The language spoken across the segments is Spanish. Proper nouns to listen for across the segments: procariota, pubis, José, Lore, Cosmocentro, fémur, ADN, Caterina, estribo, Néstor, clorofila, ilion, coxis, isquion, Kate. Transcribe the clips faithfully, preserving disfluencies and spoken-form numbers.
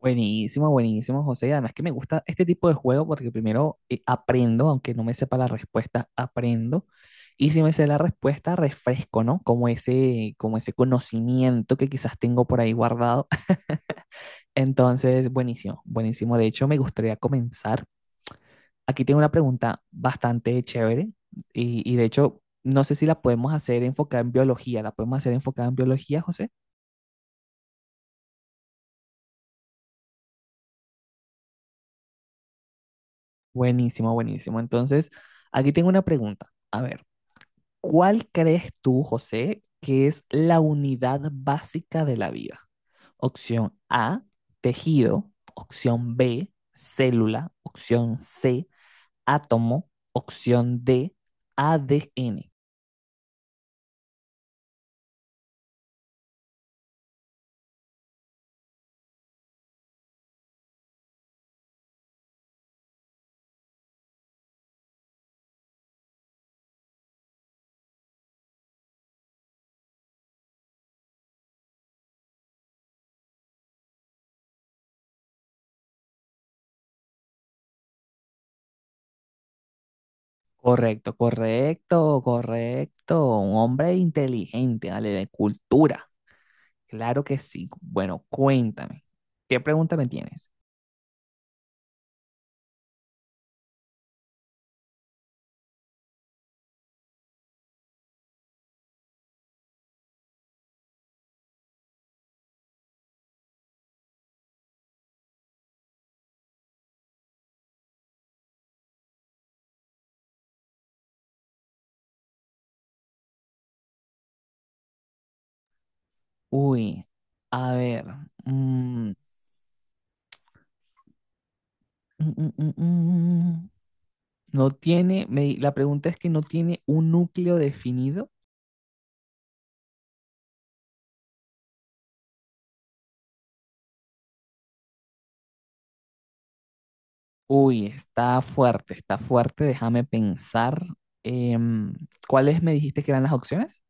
Buenísimo, buenísimo, José. Y además que me gusta este tipo de juego porque primero eh, aprendo, aunque no me sepa la respuesta, aprendo. Y si me sé la respuesta, refresco, ¿no? Como ese, como ese conocimiento que quizás tengo por ahí guardado. Entonces, buenísimo, buenísimo. De hecho, me gustaría comenzar. Aquí tengo una pregunta bastante chévere y, y de hecho, no sé si la podemos hacer enfocada en biología. ¿La podemos hacer enfocada en biología, José? Buenísimo, buenísimo. Entonces, aquí tengo una pregunta. A ver. ¿Cuál crees tú, José, que es la unidad básica de la vida? Opción A, tejido. Opción B, célula. Opción C, átomo. Opción D, A D N. Correcto, correcto, correcto. Un hombre inteligente, dale. De cultura. Claro que sí. Bueno, cuéntame. ¿Qué pregunta me tienes? Uy, a ver. Mm, mm, mm, mm, mm. mm. No tiene, me la pregunta es que no tiene un núcleo definido. Uy, está fuerte, está fuerte. Déjame pensar. Em, ¿cuáles me dijiste que eran las opciones?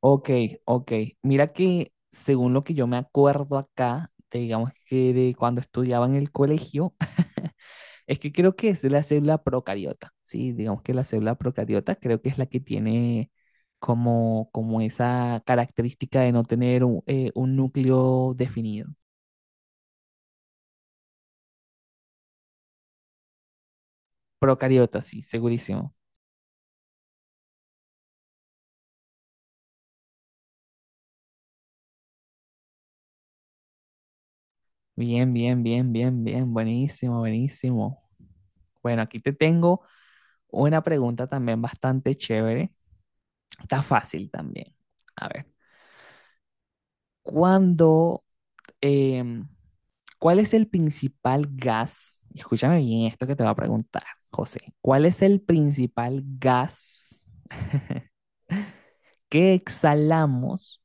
Ok, ok. Mira que según lo que yo me acuerdo acá, de, digamos que de cuando estudiaba en el colegio, es que creo que es la célula procariota. Sí, digamos que la célula procariota creo que es la que tiene como, como esa característica de no tener un eh, un núcleo definido. Procariota, sí, segurísimo. Bien, bien, bien, bien, bien. Buenísimo, buenísimo. Bueno, aquí te tengo una pregunta también bastante chévere. Está fácil también. A ver, ¿cuándo, em, ¿cuál es el principal gas? Escúchame bien esto que te va a preguntar, José. ¿Cuál es el principal gas que exhalamos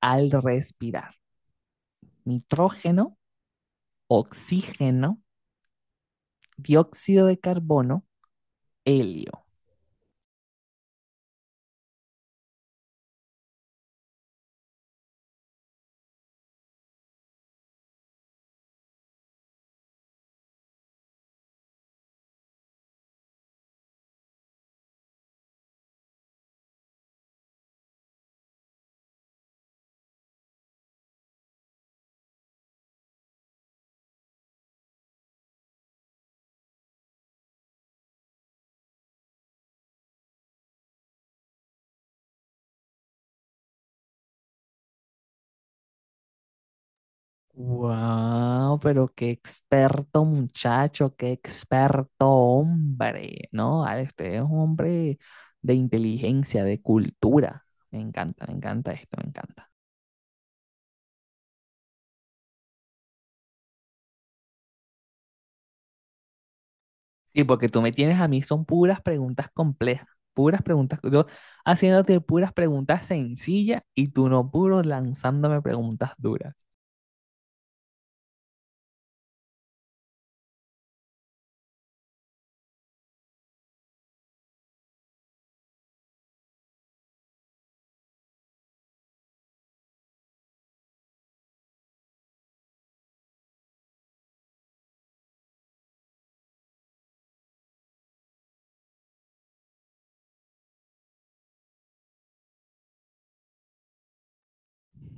al respirar? ¿Nitrógeno, oxígeno, dióxido de carbono, helio? Wow, pero qué experto muchacho, qué experto hombre, ¿no? Ale, usted es un hombre de inteligencia, de cultura. Me encanta, me encanta esto, me encanta. Sí, porque tú me tienes a mí, son puras preguntas complejas, puras preguntas, yo haciéndote puras preguntas sencillas y tú no puro lanzándome preguntas duras.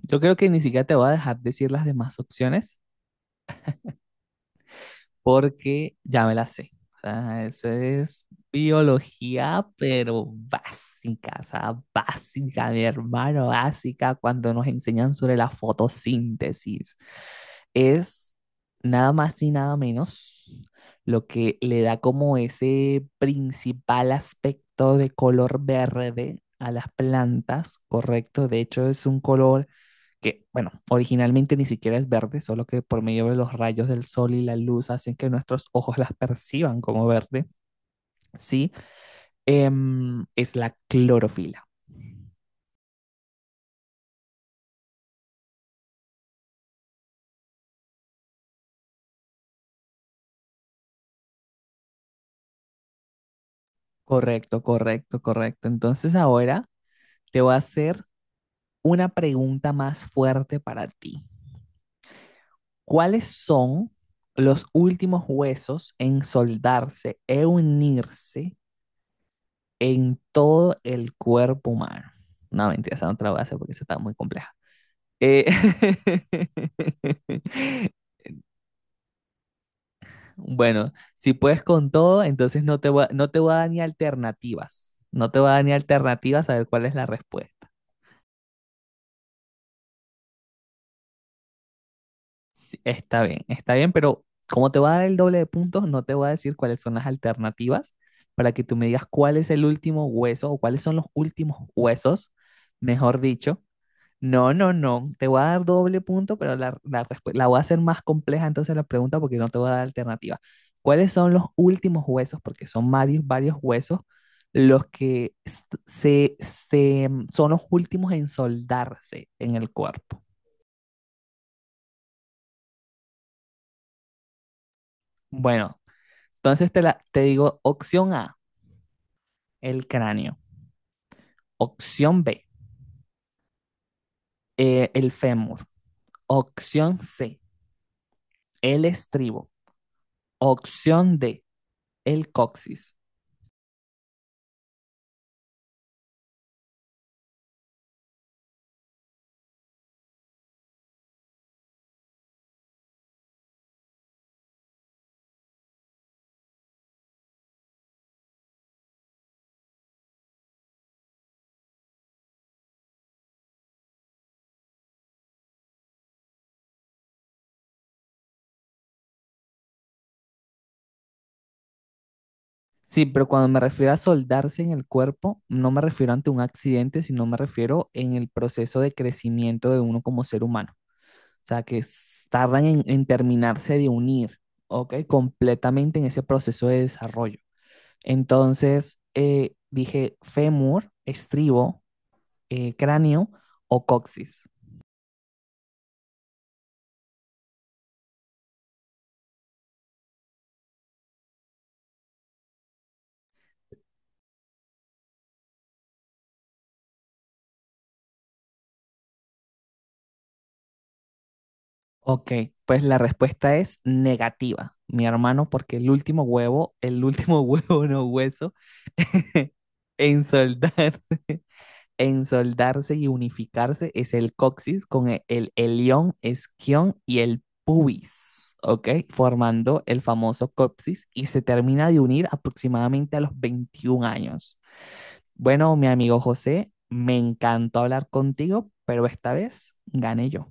Yo creo que ni siquiera te voy a dejar decir las demás opciones porque ya me la sé. O sea, eso es biología, pero básica, o sea, básica, mi hermano, básica, cuando nos enseñan sobre la fotosíntesis. Es nada más y nada menos lo que le da como ese principal aspecto de color verde a las plantas, ¿correcto? De hecho, es un color que, bueno, originalmente ni siquiera es verde, solo que por medio de los rayos del sol y la luz hacen que nuestros ojos las perciban como verde, ¿sí? Em, es la clorofila. Correcto, correcto, correcto. Entonces ahora te voy a hacer una pregunta más fuerte para ti. ¿Cuáles son los últimos huesos en soldarse e unirse en todo el cuerpo humano? No, mentira, esa no te la voy a hacer porque esa está muy compleja. Eh, Bueno, si puedes con todo, entonces no te voy a, no te voy a dar ni alternativas. No te voy a dar ni alternativas a ver cuál es la respuesta. Sí, está bien, está bien, pero como te voy a dar el doble de puntos, no te voy a decir cuáles son las alternativas para que tú me digas cuál es el último hueso o cuáles son los últimos huesos, mejor dicho. No, no, no. Te voy a dar doble punto, pero la, la respu- la voy a hacer más compleja entonces la pregunta porque no te voy a dar alternativa. ¿Cuáles son los últimos huesos? Porque son varios, varios huesos los que s- se, se, mm, son los últimos en soldarse en el cuerpo. Bueno, entonces te, la, te digo opción A, el cráneo. Opción B, eh, el fémur. Opción C, el estribo. Opción D, el coxis. Sí, pero cuando me refiero a soldarse en el cuerpo, no me refiero ante un accidente, sino me refiero en el proceso de crecimiento de uno como ser humano. O sea, que s- tardan en, en terminarse de unir, ¿ok? Completamente en ese proceso de desarrollo. Entonces, eh, dije fémur, estribo, eh, cráneo o coxis. Ok, pues la respuesta es negativa, mi hermano, porque el último huevo, el último huevo no hueso, en soldarse, en soldarse y unificarse es el coxis con e- el ilion, isquion y el pubis, ¿ok? Formando el famoso coxis y se termina de unir aproximadamente a los veintiún años. Bueno, mi amigo José, me encantó hablar contigo, pero esta vez gané yo.